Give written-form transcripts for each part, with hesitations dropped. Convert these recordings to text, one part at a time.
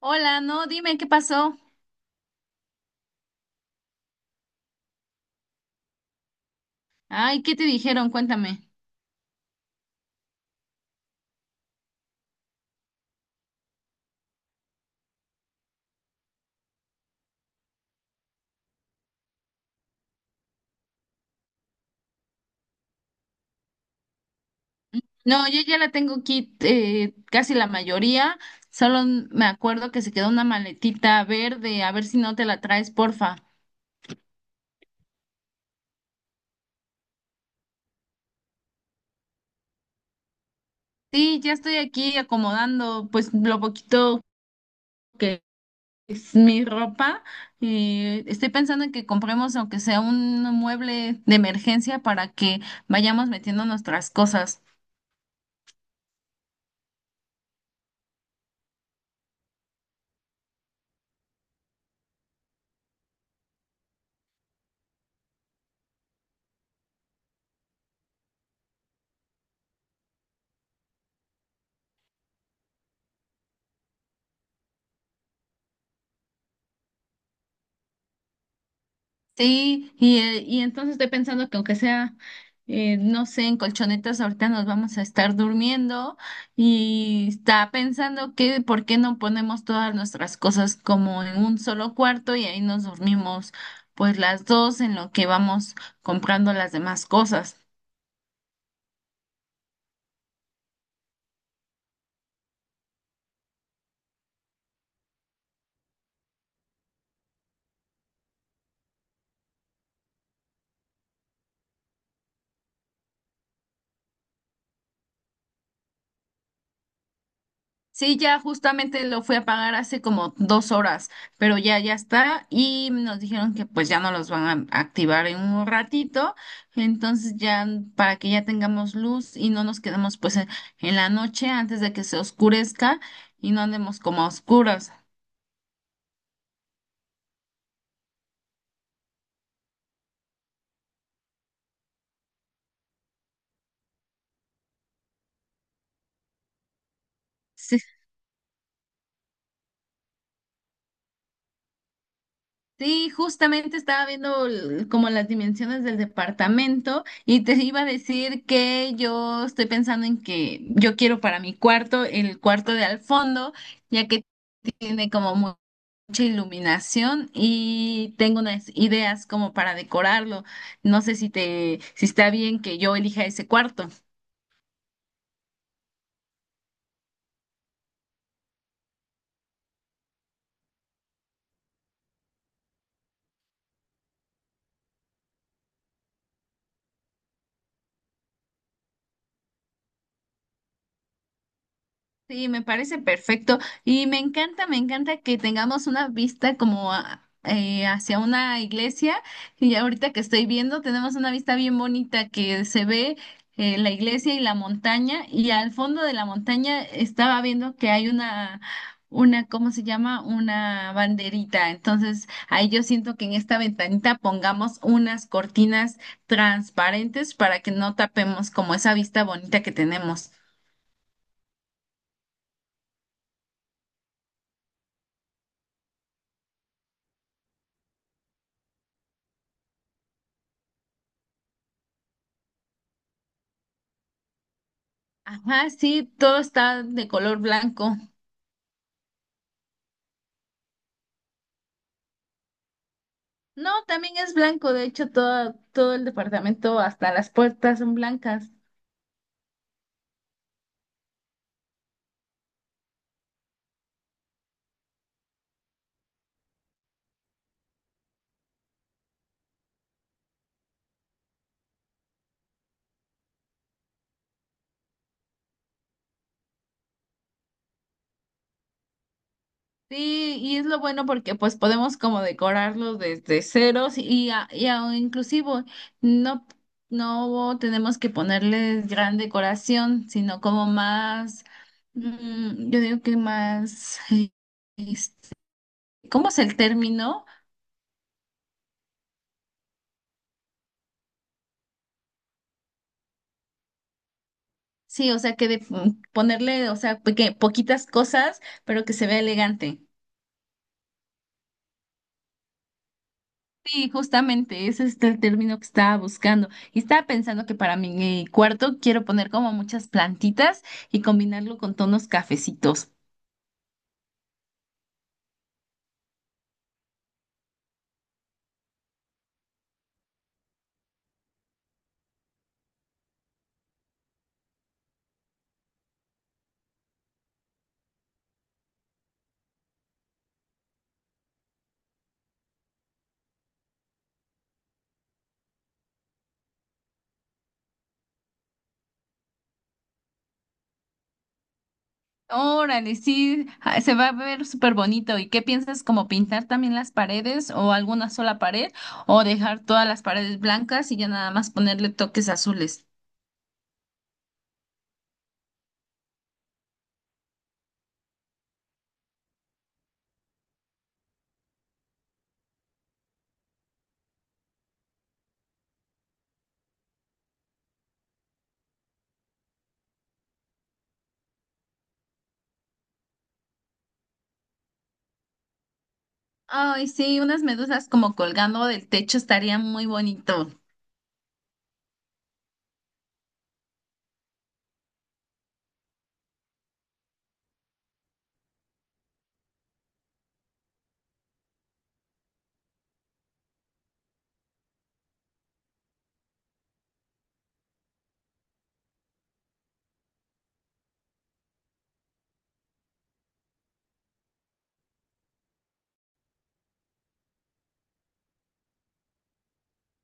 Hola, no, dime qué pasó. Ay, ¿qué te dijeron? Cuéntame. No, yo ya la tengo aquí casi la mayoría. Me acuerdo que se quedó una maletita verde. A ver si no te la traes, porfa. Sí, ya estoy aquí acomodando pues lo poquito que es mi ropa. Estoy pensando en que compremos aunque sea un mueble de emergencia para que vayamos metiendo nuestras cosas. Sí, y entonces estoy pensando que aunque sea, no sé, en colchonetas ahorita nos vamos a estar durmiendo y está pensando que por qué no ponemos todas nuestras cosas como en un solo cuarto y ahí nos dormimos pues las dos en lo que vamos comprando las demás cosas. Sí, ya justamente lo fui a pagar hace como dos horas, pero ya está. Y nos dijeron que pues ya no los van a activar en un ratito. Entonces ya para que ya tengamos luz y no nos quedemos pues en la noche antes de que se oscurezca y no andemos como a oscuras. Sí, sí, justamente estaba viendo como las dimensiones del departamento y te iba a decir que yo estoy pensando en que yo quiero para mi cuarto el cuarto de al fondo, ya que tiene como mucha iluminación y tengo unas ideas como para decorarlo. No sé si te, si está bien que yo elija ese cuarto. Sí, me parece perfecto y me encanta que tengamos una vista como hacia una iglesia y ahorita que estoy viendo tenemos una vista bien bonita que se ve la iglesia y la montaña y al fondo de la montaña estaba viendo que hay una, ¿cómo se llama? Una banderita. Entonces ahí yo siento que en esta ventanita pongamos unas cortinas transparentes para que no tapemos como esa vista bonita que tenemos. Ajá, sí, todo está de color blanco. No, también es blanco, de hecho, todo el departamento, hasta las puertas son blancas. Sí, y es lo bueno porque pues podemos como decorarlo desde ceros y inclusivo no, no tenemos que ponerle gran decoración, sino como más, yo digo que más, este, ¿cómo es el término? Sí, o sea, que de ponerle, o sea, poquitas cosas, pero que se vea elegante. Sí, justamente, ese es el término que estaba buscando. Y estaba pensando que para mi cuarto quiero poner como muchas plantitas y combinarlo con tonos cafecitos. Órale, sí, ah, se va a ver súper bonito. ¿Y qué piensas, como pintar también las paredes o alguna sola pared o dejar todas las paredes blancas y ya nada más ponerle toques azules? Ay, sí, unas medusas como colgando del techo estaría muy bonito.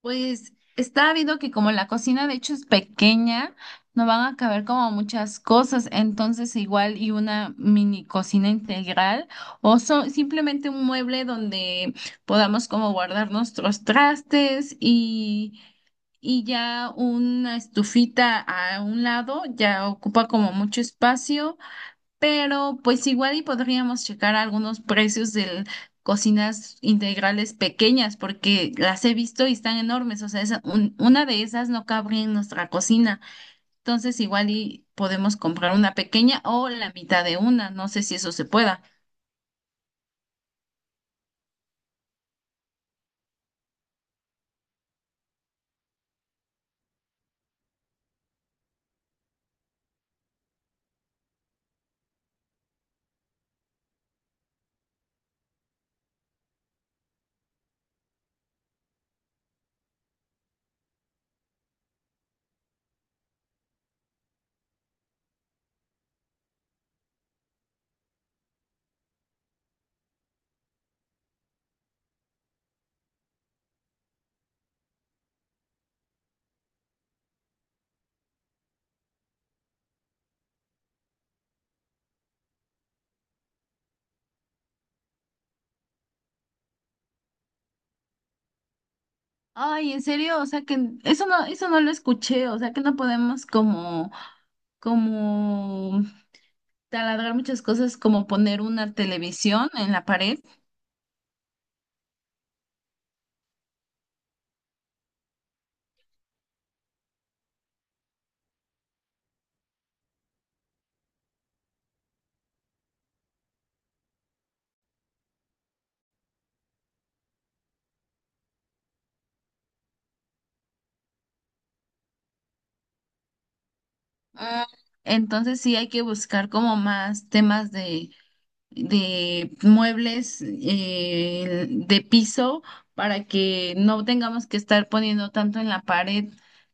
Pues está habido que como la cocina de hecho es pequeña, no van a caber como muchas cosas, entonces igual y una mini cocina integral o simplemente un mueble donde podamos como guardar nuestros trastes y ya una estufita a un lado ya ocupa como mucho espacio, pero pues igual y podríamos checar algunos precios de cocinas integrales pequeñas, porque las he visto y están enormes, o sea, una de esas no cabría en nuestra cocina, entonces igual y podemos comprar una pequeña o la mitad de una, no sé si eso se pueda. Ay, en serio, o sea que eso no lo escuché, o sea que no podemos como, como taladrar muchas cosas, como poner una televisión en la pared. Ah, entonces sí hay que buscar como más temas de muebles de piso para que no tengamos que estar poniendo tanto en la pared.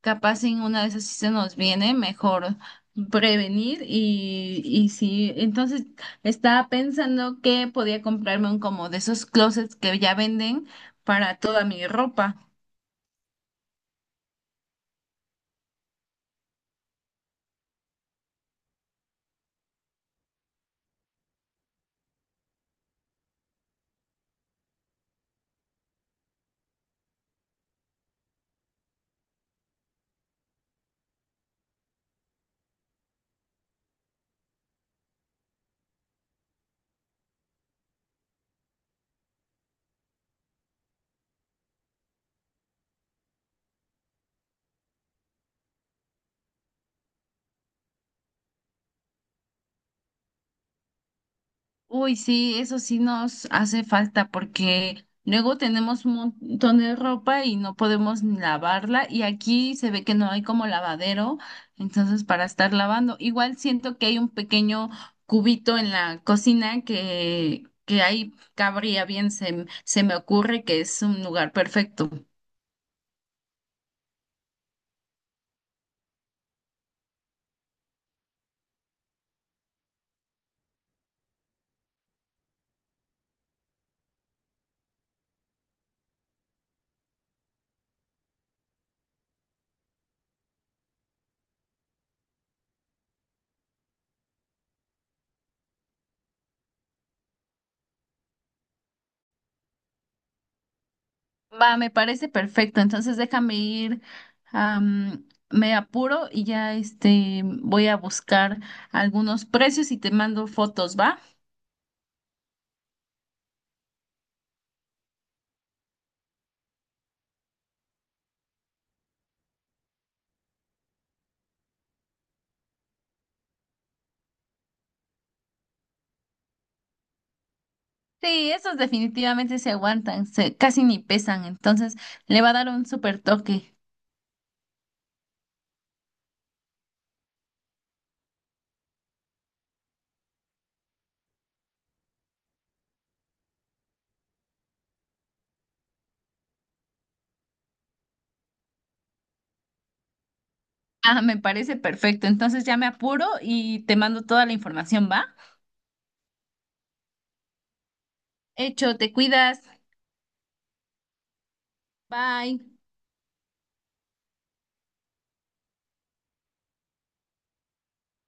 Capaz en una de esas sí se nos viene, mejor prevenir y sí. Entonces estaba pensando que podía comprarme un como de esos closets que ya venden para toda mi ropa. Uy, sí, eso sí nos hace falta porque luego tenemos un montón de ropa y no podemos ni lavarla y aquí se ve que no hay como lavadero, entonces para estar lavando. Igual siento que hay un pequeño cubito en la cocina que ahí cabría bien, se me ocurre que es un lugar perfecto. Va, me parece perfecto. Entonces déjame ir, me apuro y ya este voy a buscar algunos precios y te mando fotos, ¿va? Sí, esos definitivamente se aguantan, se, casi ni pesan, entonces le va a dar un super toque. Ah, me parece perfecto. Entonces ya me apuro y te mando toda la información, ¿va? Hecho, te cuidas. Bye.